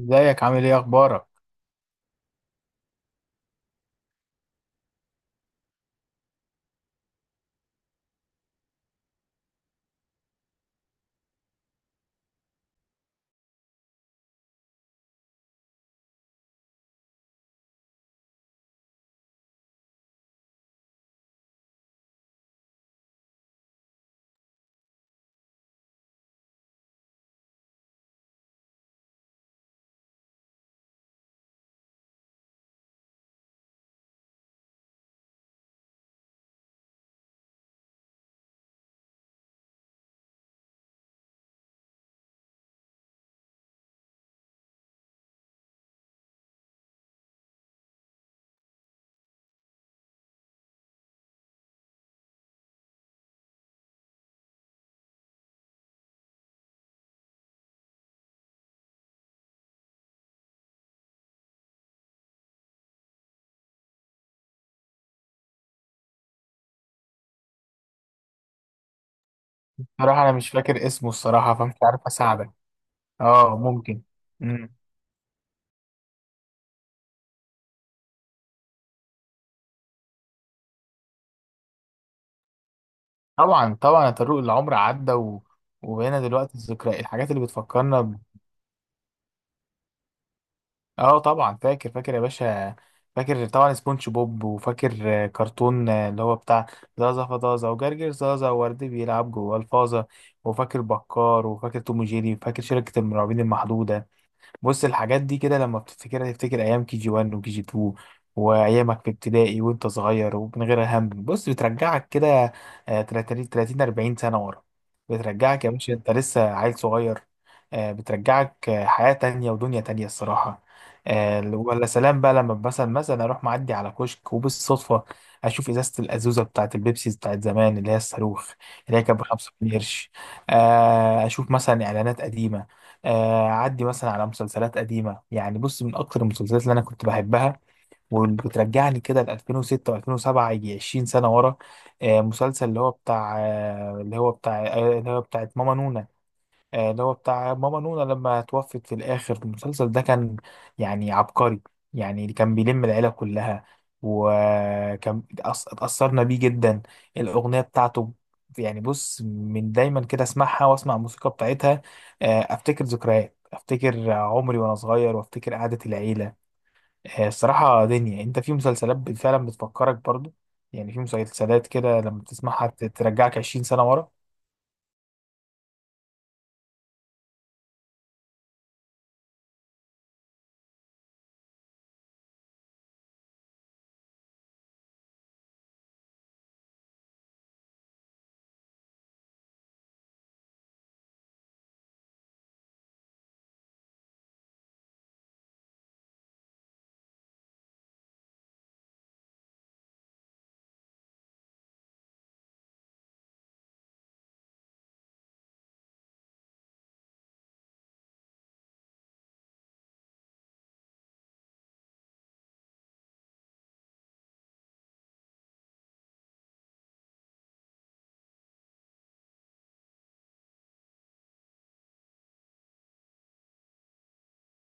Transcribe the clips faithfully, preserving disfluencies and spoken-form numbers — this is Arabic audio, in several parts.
ازيك، عامل ايه، اخبارك؟ صراحة، انا مش فاكر اسمه الصراحة، فمش عارف اساعدك. اه، ممكن. مم. طبعا طبعا يا طارق، العمر عدى و. وبقينا دلوقتي الذكرى، الحاجات اللي بتفكرنا ب. اه، طبعا فاكر فاكر يا باشا. فاكر طبعا سبونج بوب، وفاكر آه، كرتون آه، اللي هو بتاع زازا فطازة، وجرجر زازا، وورد بيلعب جوه الفازة. وفاكر بكار، وفاكر توم وجيري، وفاكر شركة المرعبين المحدودة. بص، الحاجات دي كده لما بتفتكرها تفتكر ايام كي جي واحد وكي جي اتنين، وايامك في ابتدائي وانت صغير ومن غير هم. بص، بترجعك كده. آه، تلاتين، تلاتين، اربعين سنه ورا. بترجعك يا باشا، انت لسه عيل صغير. آه، بترجعك آه، حياه تانية ودنيا تانية الصراحه. آه، ولا سلام بقى لما مثلا مثلا اروح معدي على كشك، وبالصدفه اشوف ازازه الازوزه بتاعت البيبسي بتاعت زمان، اللي هي الصاروخ، اللي هي كانت ب خمسة قرش. آه، اشوف مثلا اعلانات قديمه. آه، عدي مثلا على مسلسلات قديمة. يعني بص، من أكتر المسلسلات اللي أنا كنت بحبها واللي بترجعني كده ل الفين وستة و2007، يجي عشرين سنة ورا. آه، مسلسل اللي هو بتاع آه، اللي هو بتاع آه، اللي هو بتاعت ماما نونا. آه، اللي هو بتاع ماما نونا، لما توفت في الآخر، المسلسل ده كان يعني عبقري. يعني اللي كان بيلم العيلة كلها، وكان اتأث- اتأثرنا بيه جدا. الأغنية بتاعته، يعني بص، من دايما كده اسمعها واسمع الموسيقى بتاعتها. آه، افتكر ذكريات، افتكر عمري وانا صغير، وافتكر قعدة العيلة. آه، الصراحة دنيا. انت في مسلسلات فعلا بتفكرك برضو. يعني في مسلسلات كده، لما تسمعها ت- ترجعك عشرين سنة ورا.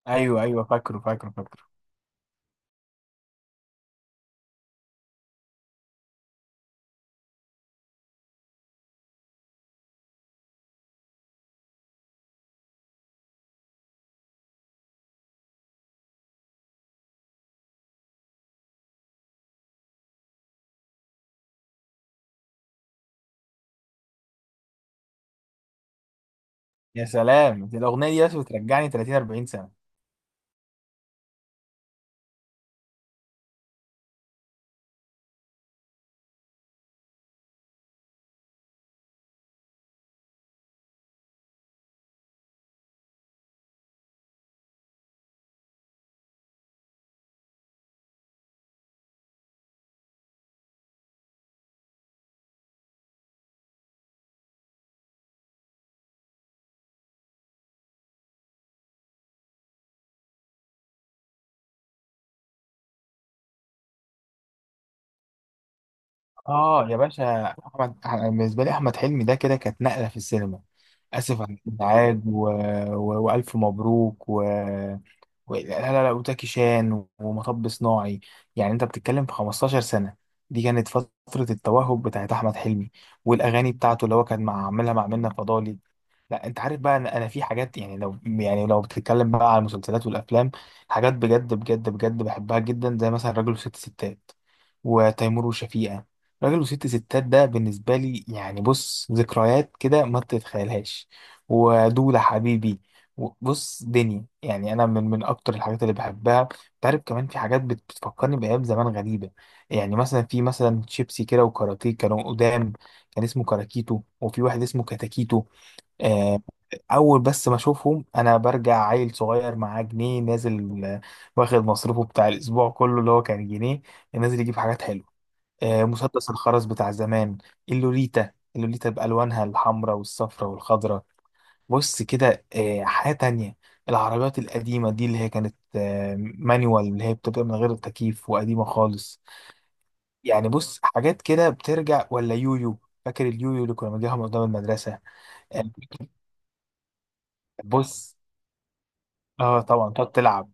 ايوه، ايوه، فاكره فاكره فاكره. يا سلام، دي الاغنيه دي بس بترجعني ثلاثين، اربعين سنه. اه يا باشا، احمد، أنا بالنسبه لي احمد حلمي ده كده كانت نقله في السينما. اسف على الازعاج و، و، والف مبروك و، و- لا، لا، لا، وزكي شان ومطب صناعي. يعني انت بتتكلم في خمسة عشر سنة. دي كانت فترة التوهج بتاعت أحمد حلمي، والأغاني بتاعته اللي هو كان مع عاملها مع منة فضالي. لا، انت عارف بقى، انا أنا في حاجات. يعني لو يعني لو بتتكلم بقى على المسلسلات والأفلام، حاجات بجد بجد بجد بحبها جدا، زي مثلا راجل وست ستات، وتيمور وشفيقة. راجل وست ستات ده بالنسبة لي يعني بص، ذكريات كده ما تتخيلهاش. ودولة حبيبي. و- بص، دنيا يعني. انا من من اكتر الحاجات اللي بحبها. انت عارف، كمان في حاجات بت- بتفكرني بايام زمان غريبه. يعني مثلا، في مثلا شيبسي كده وكاراتيه كانوا قدام. كان اسمه كاراكيتو، وفي واحد اسمه كاتاكيتو. آه، اول بس ما اشوفهم انا برجع عيل صغير معاه جنيه نازل، آه، واخد مصروفه بتاع الاسبوع كله اللي هو كان جنيه، نازل يجيب حاجات حلوه. آه، مسدس الخرز بتاع زمان، اللوليتا، اللوليتا بألوانها الحمراء والصفراء والخضراء. بص كده. آه، حاجة تانية، العربيات القديمة دي، اللي هي كانت آه، مانيوال، اللي هي بتبقى من غير التكييف وقديمة خالص. يعني بص، حاجات كده بترجع. ولا يويو، فاكر اليويو اللي كنا بنجيبها من قدام المدرسة؟ آه، بص، اه طبعا، تقعد تلعب.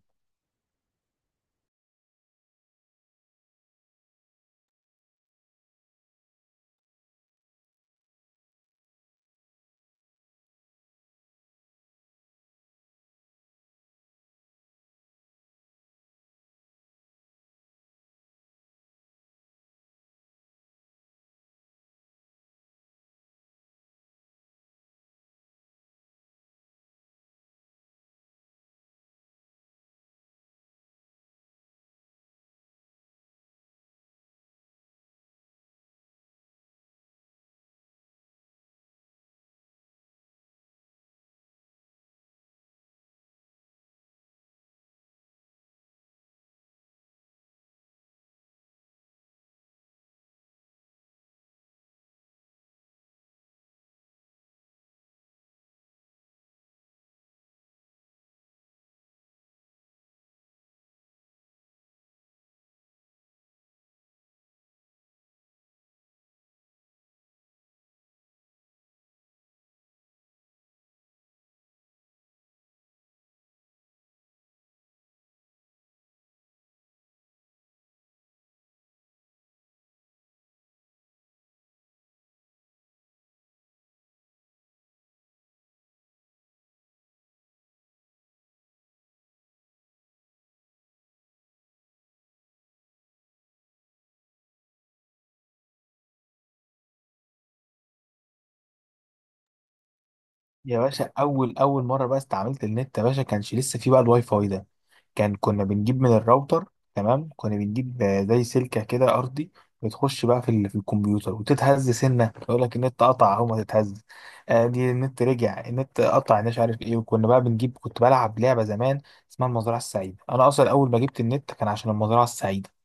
يا باشا، اول اول مره بقى استعملت النت يا باشا، كانش لسه فيه بقى الواي فاي ده. كان كنا بنجيب من الراوتر. تمام. كنا بنجيب آه، زي سلكه كده ارضي، بتخش بقى في ال- في الكمبيوتر، وتتهز سنه يقول لك النت قطع، اهو ما تتهز. آه دي النت رجع، النت قطع، مش عارف ايه. وكنا بقى بنجيب. كنت بلعب لعبه زمان اسمها المزرعه السعيده. انا اصلا اول ما جبت النت كان عشان المزرعه السعيده.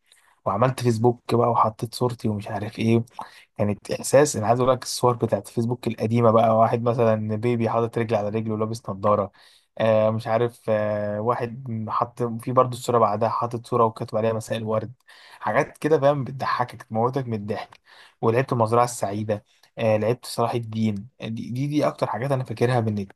وعملت فيسبوك بقى، وحطيت صورتي ومش عارف ايه. كانت احساس. انا عايز اقول لك، الصور بتاعت فيسبوك القديمه بقى، واحد مثلا بيبي حاطط رجل على رجل ولابس نظاره، آه مش عارف. آه واحد حط في برضه الصوره بعدها حاطط صوره وكاتب عليها مساء الورد. حاجات كده فاهم، بتضحكك تموتك من الضحك. ولعبت المزرعه السعيده. آه لعبت صلاح الدين. دي دي, دي اكتر حاجات انا فاكرها من النت.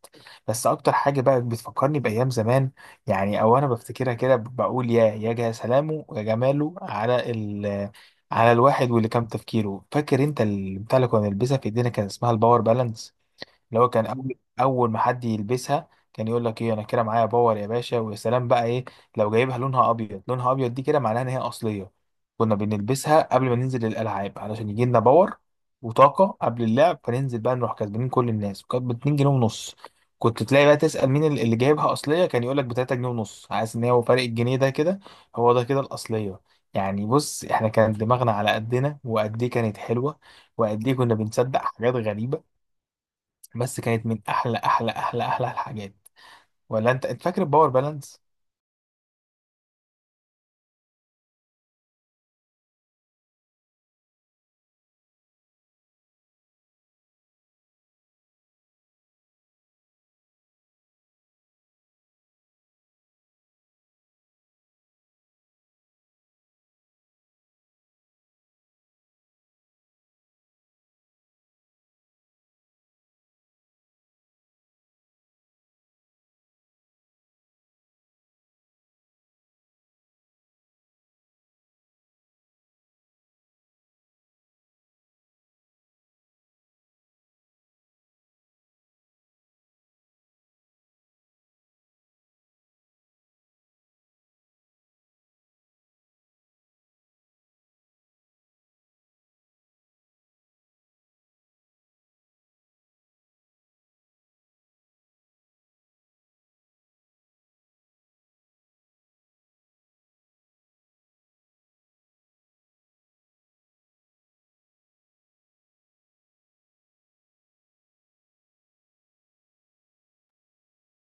بس اكتر حاجه بقى بتفكرني بايام زمان، يعني او انا بفتكرها كده، بقول: يا يا جا سلامه، يا جماله على ال على الواحد. واللي كام تفكيره، فاكر انت البتاع اللي كنا بنلبسها في ايدينا؟ كان اسمها الباور بالانس. اللي هو كان اول اول ما حد يلبسها، كان يقول لك: ايه، انا كده معايا باور يا باشا! ويا سلام بقى ايه، لو جايبها لونها ابيض. لونها ابيض دي كده معناها ان هي اصليه. كنا بنلبسها قبل ما ننزل الالعاب، علشان يجي لنا باور وطاقه قبل اللعب، فننزل بقى نروح كسبانين كل الناس. وكانت ب اتنين جنيه ونص. كنت تلاقي بقى تسال مين اللي اللي جايبها اصليه، كان يقول لك ب تلاتة جنيه ونص، عايز ان هو فرق الجنيه ده كده هو ده كده الاصليه. يعني بص، احنا كان دماغنا على قدنا. وقد ايه كانت حلوه، وقد ايه كنا بنصدق حاجات غريبه! بس كانت من احلى احلى احلى احلى الحاجات. ولا انت انت فاكر الباور بالانس؟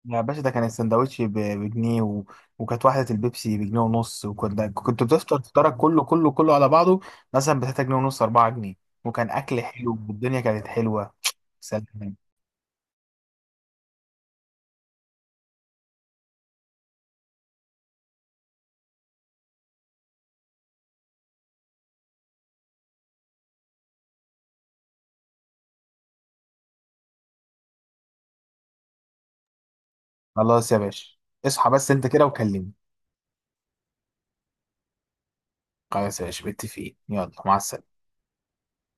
يا باشا، ده كان السندوتش ب- بجنيه و، وكانت واحدة البيبسي بجنيه ونص. وكنت كنت بتفطر فطارك كله كله كله على بعضه، مثلا ب تلاتة جنيه ونص، اربعة جنيه. وكان أكل حلو، والدنيا كانت حلوة. سلام. خلاص يا باشا، اصحى بس أنت كده وكلمني. خلاص يا باشا، متفقين. يلا مع السلامة.